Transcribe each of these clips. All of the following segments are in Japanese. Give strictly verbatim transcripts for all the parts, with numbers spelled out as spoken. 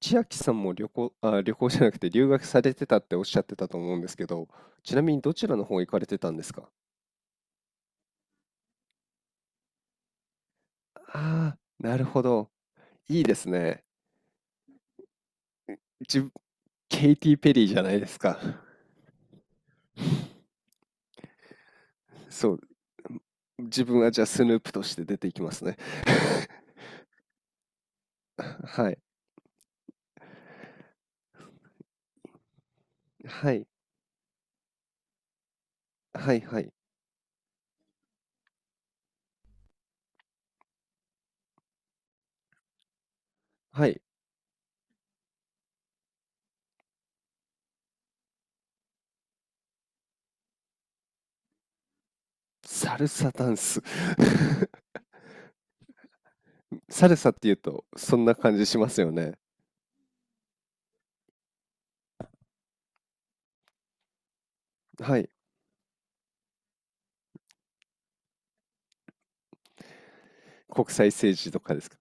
千秋さんも旅行、あ、旅行じゃなくて留学されてたっておっしゃってたと思うんですけど、ちなみにどちらの方行かれてたんですか？ああー、なるほど。いいですね。自ケイティ・ペリーじゃないですか。そう。自分はじゃあスヌープとして出ていきますね。はい。はい。はい。はい。はい。サルサダンス。サルサっていうと、そんな感じしますよね。はい。国際政治とかですか？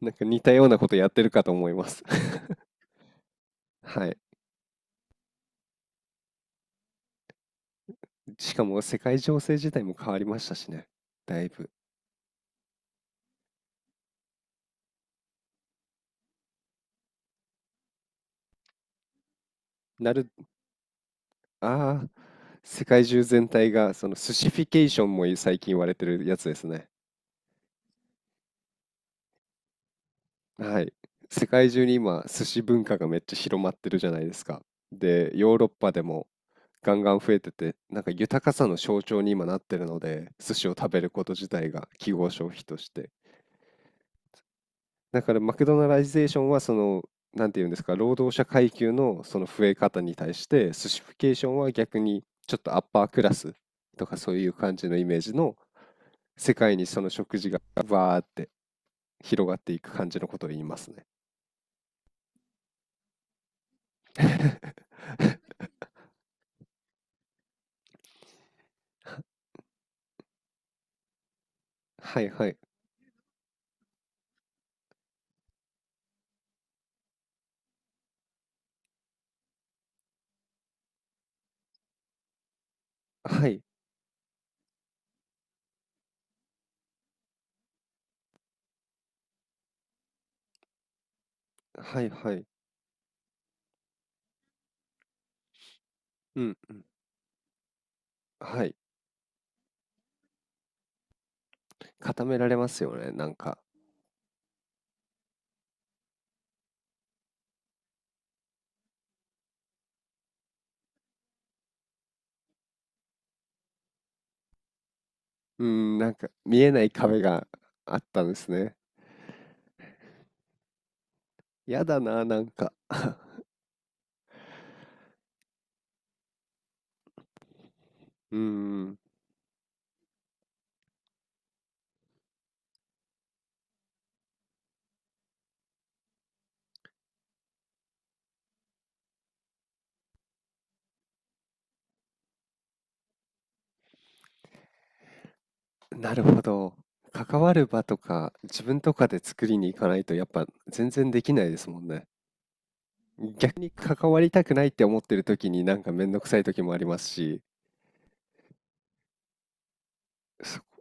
なんか似たようなことやってるかと思います。 はい。しかも世界情勢自体も変わりましたしね。だいぶ。なる、ああ、世界中全体が、その寿司フィケーションも最近言われてるやつですね。はい。世界中に今、寿司文化がめっちゃ広まってるじゃないですか。で、ヨーロッパでもガンガン増えてて、なんか豊かさの象徴に今なってるので、寿司を食べること自体が記号消費として。だからマクドナライゼーションはその、なんていうんですか、労働者階級のその増え方に対して、スシフィケーションは逆にちょっとアッパークラスとかそういう感じのイメージの世界にその食事がわーって広がっていく感じのことを言いますね。はいはい。はいはいはい。うんうん。はい。固められますよね、なんか。うーん、なんか見えない壁があったんですね。やだな、なんか。 うーん。なるほど。関わる場とか自分とかで作りに行かないとやっぱ全然できないですもんね。逆に関わりたくないって思ってる時になんかめんどくさい時もありますし、そ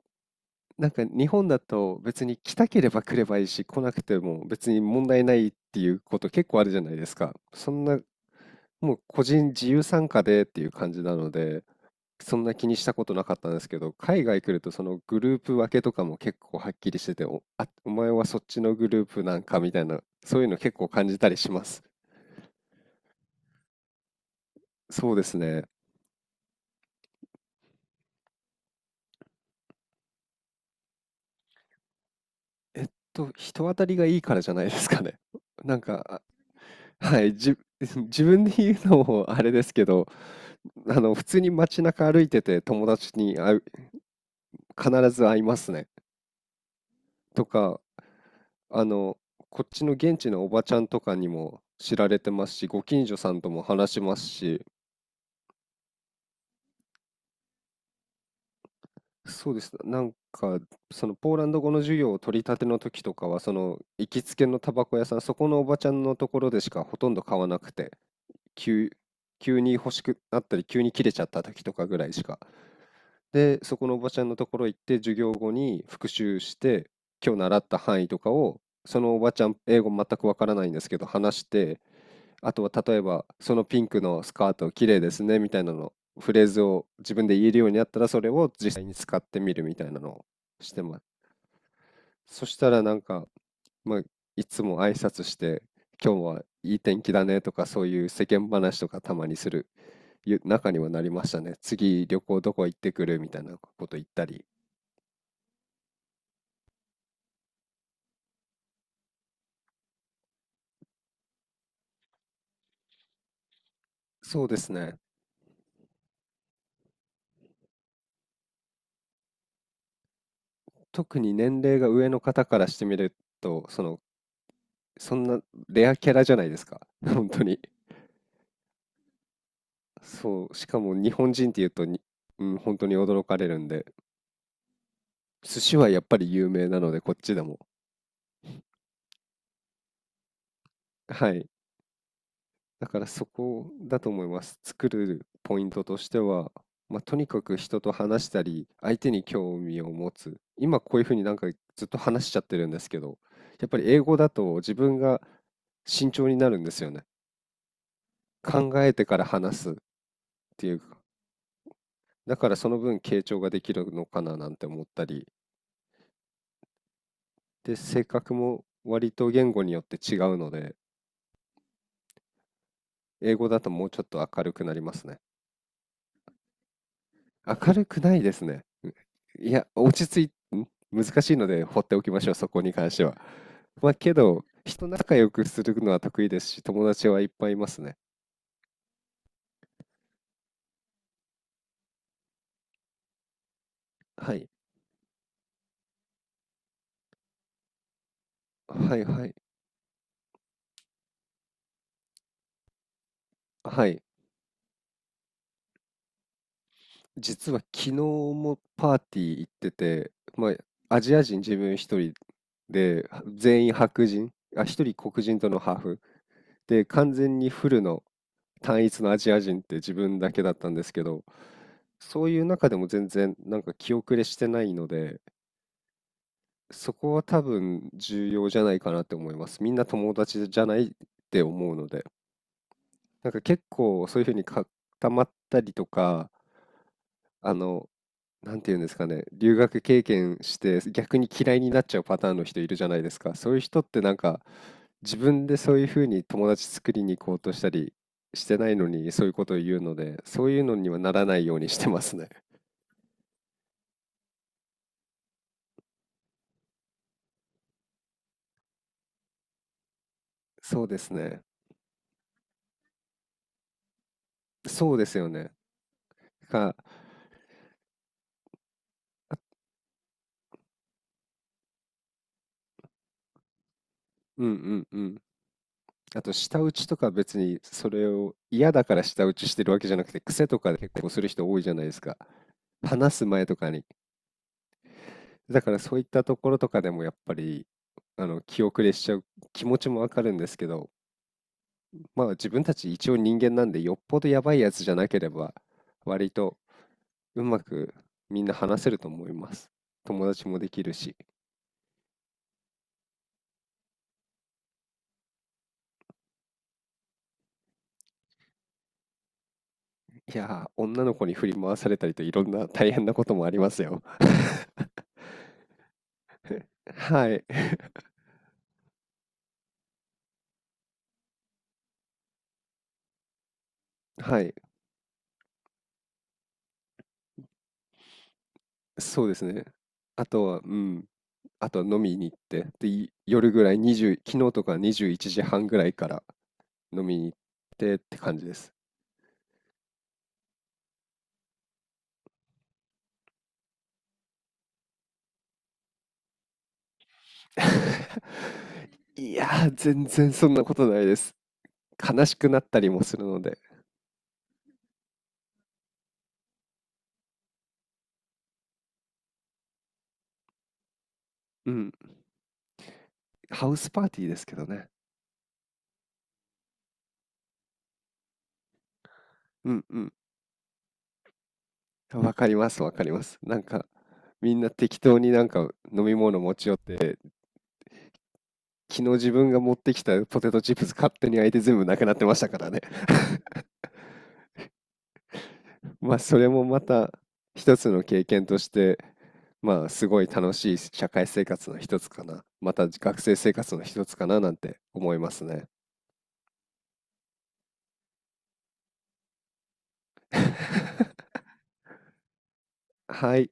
なんか日本だと別に来たければ来ればいいし来なくても別に問題ないっていうこと結構あるじゃないですか。そんなもう個人自由参加でっていう感じなので、そんな気にしたことなかったんですけど、海外来るとそのグループ分けとかも結構はっきりしてて、お、あ、お前はそっちのグループなんかみたいな、そういうの結構感じたりします。そうですね。えっと、人当たりがいいからじゃないですかね。なんか、あはい、じ、自分で言うのもあれですけど、あの、普通に街中歩いてて友達に会う、必ず会いますね。とか、あの、こっちの現地のおばちゃんとかにも知られてますし、ご近所さんとも話しますし、そうです。なんか、そのポーランド語の授業を取り立ての時とかは、その行きつけのタバコ屋さん、そこのおばちゃんのところでしかほとんど買わなくて、急、急に欲しくなったり、急に切れちゃった時とかぐらいしか。で、そこのおばちゃんのところ行って、授業後に復習して、今日習った範囲とかを、そのおばちゃん、英語全くわからないんですけど、話して、あとは例えば、そのピンクのスカート綺麗ですねみたいなの、フレーズを自分で言えるようになったら、それを実際に使ってみるみたいなのをしてます。そしたらなんか、まあ、いつも挨拶して、今日はいい天気だねとか、そういう世間話とかたまにするゆ中にはなりましたね。次旅行どこ行ってくるみたいなこと言ったり。そうですね。特に年齢が上の方からしてみると、その、そんなレアキャラじゃないですか。本当に。そう、しかも日本人っていうと、にうん、本当に驚かれるんで、寿司はやっぱり有名なので、こっちでも。はい。だからそこだと思います。作るポイントとしては、まあ、とにかく人と話したり、相手に興味を持つ。今こういう風になんかずっと話しちゃってるんですけど、やっぱり英語だと自分が慎重になるんですよね。考えてから話す。ていうか、だからその分傾聴ができるのかななんて思ったり、で、性格も割と言語によって違うので、英語だともうちょっと明るくなりますね。明るくないですね。ういや、落ち着い、ん難しいので放っておきましょう、そこに関しては。まあ、けど、人仲良くするのは得意ですし、友達はいっぱいいますね。はい。はいはい。はい。実は昨日もパーティー行ってて、まあ、アジア人自分一人で、全員白人、あ、一人黒人とのハーフ。で、完全にフルの単一のアジア人って自分だけだったんですけど、そういう中でも全然なんか気後れしてないので、そこは多分重要じゃないかなって思います。みんな友達じゃないって思うので、なんか結構そういうふうに固まったりとか、あの、なんていうんですかね、留学経験して逆に嫌いになっちゃうパターンの人いるじゃないですか。そういう人ってなんか自分でそういうふうに友達作りに行こうとしたりしてないのにそういうことを言うので、そういうのにはならないようにしてますね。そうですね。そうですよね。か、うんうんうん。あと舌打ちとか別にそれを嫌だから舌打ちしてるわけじゃなくて癖とかで結構する人多いじゃないですか。話す前とかに、だからそういったところとかでもやっぱりあの気後れしちゃう気持ちもわかるんですけど、まあ自分たち一応人間なんでよっぽどやばいやつじゃなければ割とうまくみんな話せると思います。友達もできるし。いやー、女の子に振り回されたりといろんな大変なこともありますよ。はい。はい。そうですね。あとは、うん。あとは飲みに行って、で、い夜ぐらいにじゅう、昨日とかにじゅういちじはんぐらいから飲みに行ってって感じです。いやー、全然そんなことないです。悲しくなったりもするので。うん、ハウスパーティーですけどね。うんうん。わかります、わかります。なんか、みんな適当になんか飲み物持ち寄って、昨日自分が持ってきたポテトチップス勝手に開いて全部なくなってましたからね。まあそれもまた一つの経験として、まあすごい楽しい社会生活の一つかな、また学生生活の一つかななんて思いますね。 はい。